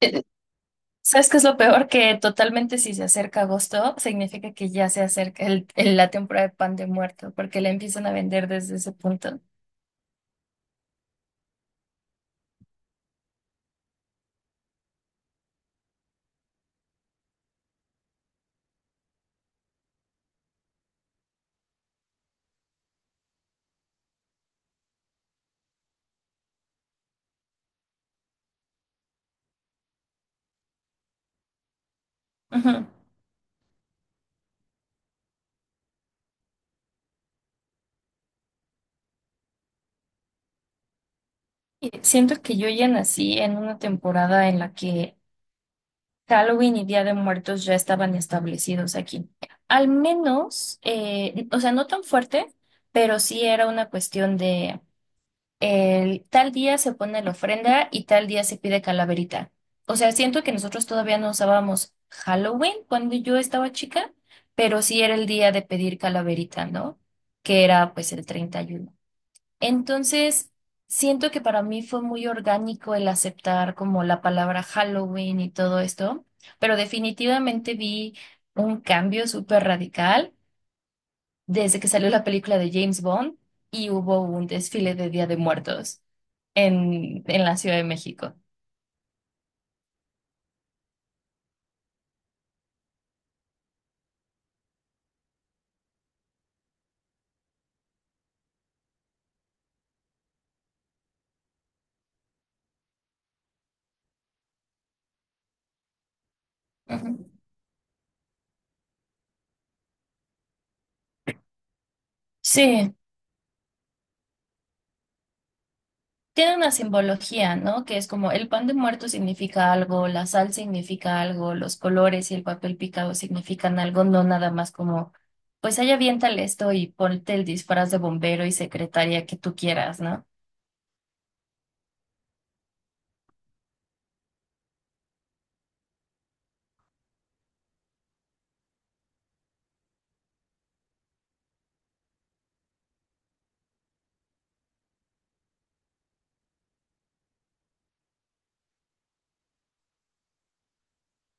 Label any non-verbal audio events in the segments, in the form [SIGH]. Eh, ¿Sabes qué es lo peor? Que totalmente si se acerca agosto, significa que ya se acerca la temporada de pan de muerto, porque la empiezan a vender desde ese punto. Ujú. Y siento que yo ya nací en una temporada en la que Halloween y Día de Muertos ya estaban establecidos aquí. Al menos, o sea, no tan fuerte, pero sí era una cuestión de el tal día se pone la ofrenda y tal día se pide calaverita. O sea, siento que nosotros todavía no usábamos Halloween cuando yo estaba chica, pero sí era el día de pedir calaverita, ¿no? Que era pues el 31. Entonces, siento que para mí fue muy orgánico el aceptar como la palabra Halloween y todo esto, pero definitivamente vi un cambio súper radical desde que salió la película de James Bond y hubo un desfile de Día de Muertos en la Ciudad de México. Ujú. Sí, tiene una simbología, ¿no? Que es como el pan de muerto significa algo, la sal significa algo, los colores y el papel picado significan algo, no nada más como, pues ahí aviéntale esto y ponte el disfraz de bombero y secretaria que tú quieras, ¿no?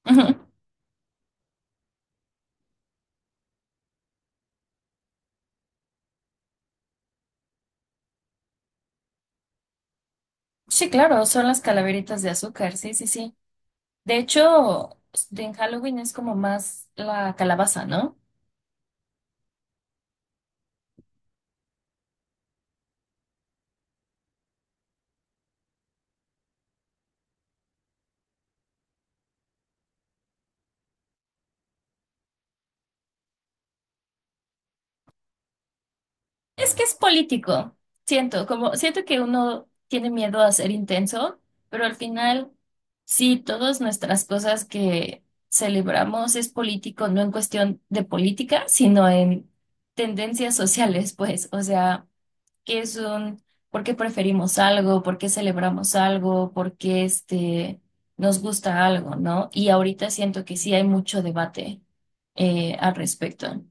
[LAUGHS] Ujú. Sí, claro, son las calaveritas de azúcar, sí, sí, sí. De hecho, pues, en Halloween es como más la calabaza, ¿no? Es que es político. Siento, como siento que uno tiene miedo a ser intenso, pero al final, sí, todas nuestras cosas que celebramos es político, no en cuestión de política, sino en tendencias sociales, pues. O sea, qué es un, por qué preferimos algo, por qué celebramos algo, nos gusta algo, ¿no? Y ahorita siento que sí hay mucho debate al respecto.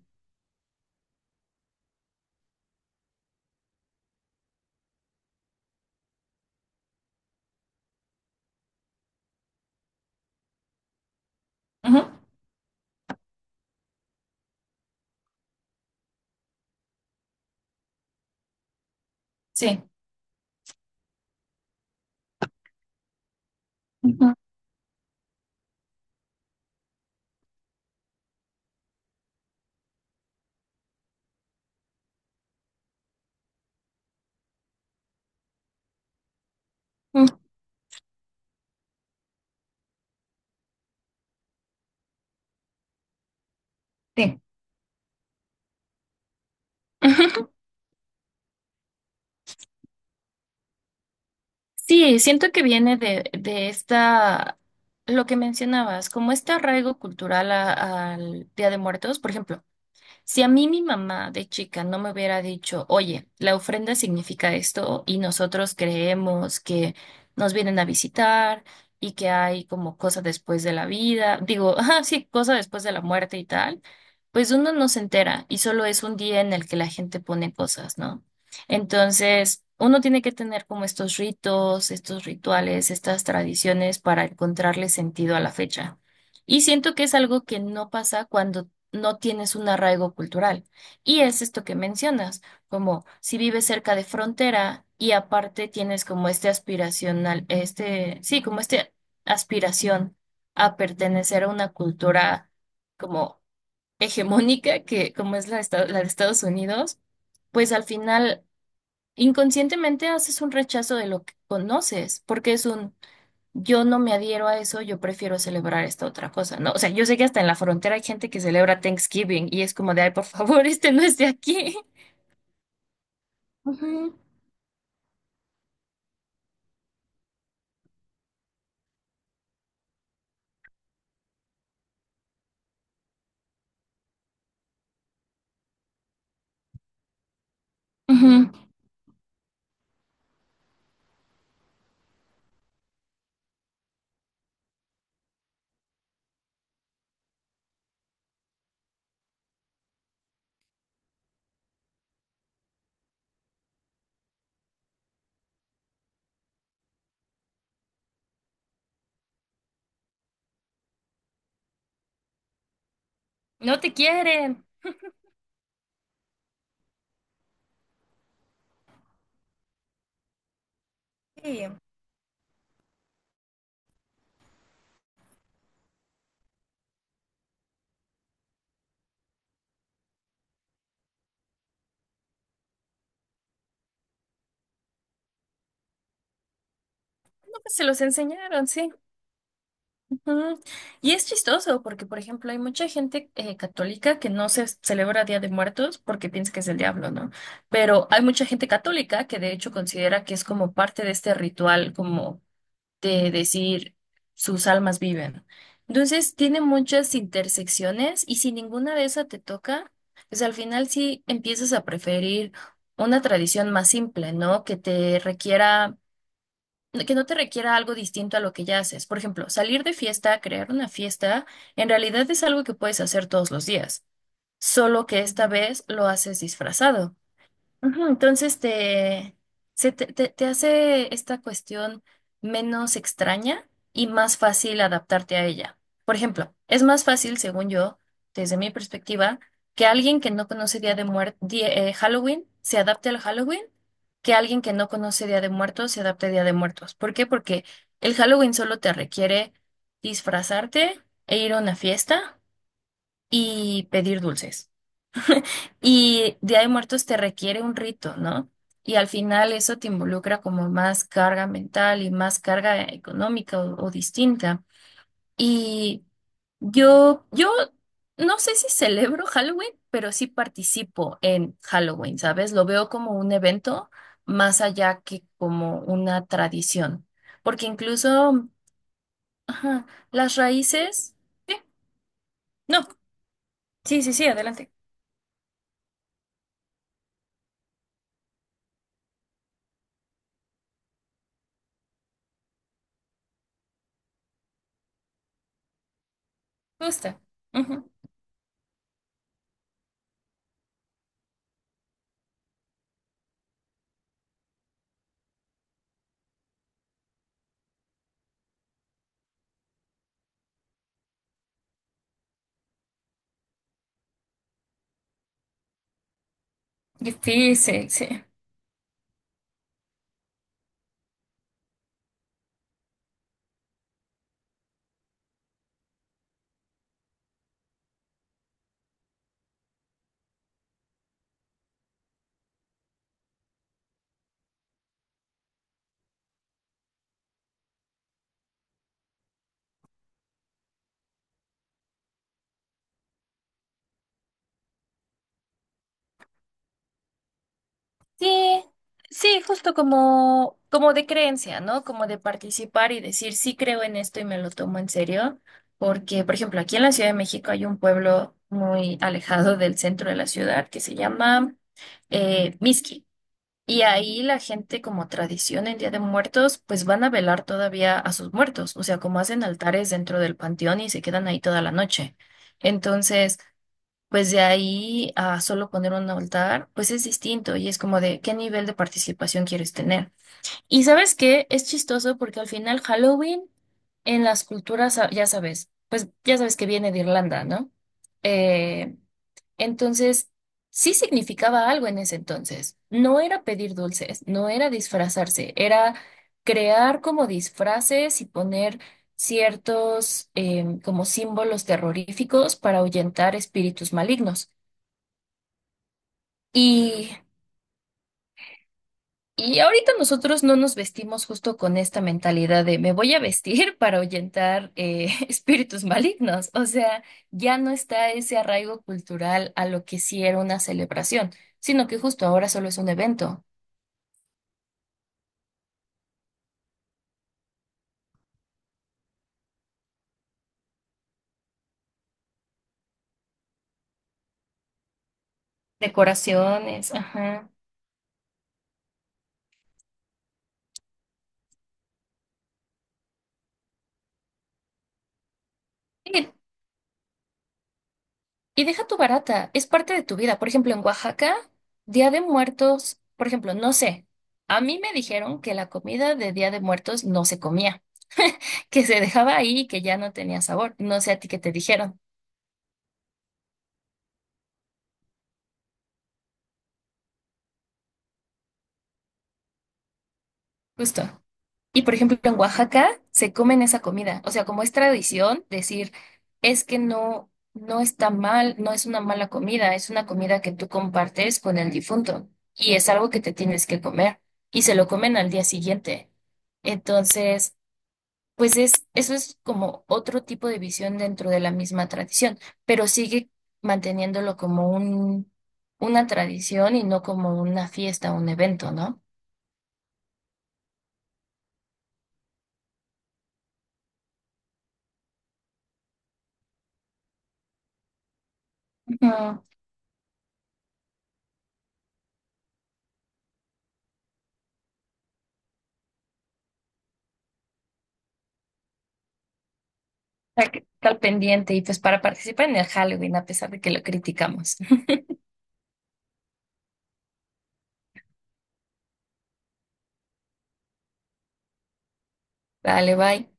Ujú. Sí. Ujú, ujú. Sí. [LAUGHS] Sí, siento que viene de, lo que mencionabas, como este arraigo cultural a- al Día de Muertos, por ejemplo. Si a mí mi mamá de chica no me hubiera dicho, oye, la ofrenda significa esto y nosotros creemos que nos vienen a visitar y que hay como cosa después de la vida, digo, [LAUGHS] ah, sí, cosa después de la muerte y tal, pues uno no se entera y solo es un día en el que la gente pone cosas, ¿no? Entonces, uno tiene que tener como estos ritos, estos rituales, estas tradiciones para encontrarle sentido a la fecha. Y siento que es algo que no pasa cuando no tienes un arraigo cultural. Y es esto que mencionas, como si vives cerca de frontera y aparte tienes como este aspiracional, este, sí, como este aspiración a pertenecer a una cultura como hegemónica, que como es la de Estados Unidos, pues al final inconscientemente haces un rechazo de lo que conoces, porque es un yo no me adhiero a eso, yo prefiero celebrar esta otra cosa, ¿no? O sea, yo sé que hasta en la frontera hay gente que celebra Thanksgiving y es como de, ay, por favor, [LAUGHS] este no es de aquí. Ujú, ujú. No te quieren. Sí, no, pues se los enseñaron, sí. Ujú. Y es chistoso porque, por ejemplo, hay mucha gente católica que no se celebra Día de Muertos porque piensa que es el diablo, ¿no? Pero hay mucha gente católica que de hecho considera que es como parte de este ritual, como de decir sus almas viven. Entonces tiene muchas intersecciones y si ninguna de esas te toca, pues al final sí empiezas a preferir una tradición más simple, ¿no? Que no te requiera algo distinto a lo que ya haces. Por ejemplo, salir de fiesta, crear una fiesta, en realidad es algo que puedes hacer todos los días, solo que esta vez lo haces disfrazado. Ujú. Entonces te, se te, te- te hace esta cuestión menos extraña y más fácil adaptarte a ella. Por ejemplo, es más fácil, según yo, desde mi perspectiva, que alguien que no conoce Día de Muertos, Halloween, se adapte al Halloween, que alguien que no conoce Día de Muertos se adapte a Día de Muertos. ¿Por qué? Porque el Halloween solo te requiere disfrazarte e ir a una fiesta y pedir dulces. Y Día de Muertos te requiere un rito, ¿no? Y al final eso te involucra como más carga mental y más carga económica o distinta. Y yo no sé si celebro Halloween, pero sí participo en Halloween, ¿sabes? Lo veo como un evento más allá que como una tradición. Porque incluso, ajá, las raíces... Sí, no. Sí, sí, sí, adelante. Gusta. Ujú. Difícil, sí. Sí, sí. Sí, sí, justo como, como de creencia, ¿no? Como de participar y decir, sí creo en esto y me lo tomo en serio, porque, por ejemplo, aquí en la Ciudad de México hay un pueblo muy alejado del centro de la ciudad que se llama Mixqui. Y ahí la gente, como tradición en Día de Muertos, pues van a velar todavía a sus muertos, o sea, como hacen altares dentro del panteón y se quedan ahí toda la noche. Entonces, pues de ahí a solo poner un altar, pues es distinto y es como de qué nivel de participación quieres tener. Y sabes qué, es chistoso porque al final Halloween en las culturas, ah, ya sabes, pues ya sabes que viene de Irlanda, ¿no? Eh, entonces, sí significaba algo en ese entonces. No era pedir dulces, no era disfrazarse, era crear como disfraces y poner ciertos como símbolos terroríficos para ahuyentar espíritus malignos. Y, y ahorita nosotros no nos vestimos justo con esta mentalidad de me voy a vestir [LAUGHS] para ahuyentar [LAUGHS] espíritus malignos. O sea, ya no está ese arraigo cultural a lo que sí era una celebración, sino que justo ahora solo es un evento. Decoraciones, ajá. Y, y deja tu barata, es parte de tu vida. Por ejemplo, en Oaxaca, Día de Muertos, por ejemplo, no sé, a mí me dijeron que la comida de Día de Muertos no se comía, que se dejaba ahí y que ya no tenía sabor. No sé a ti qué te dijeron, justo. Y por ejemplo, en Oaxaca se comen esa comida. O sea, como es tradición decir, es que no, no está mal, no es una mala comida, es una comida que tú compartes con el difunto y es algo que te tienes que comer y se lo comen al día siguiente. Entonces, pues es, eso es como otro tipo de visión dentro de la misma tradición, pero sigue manteniéndolo como una tradición y no como una fiesta o un evento, ¿no? Ujú. Hay que estar pendiente y pues para participar en el Halloween, a pesar de que lo criticamos. [LAUGHS] Dale, bye.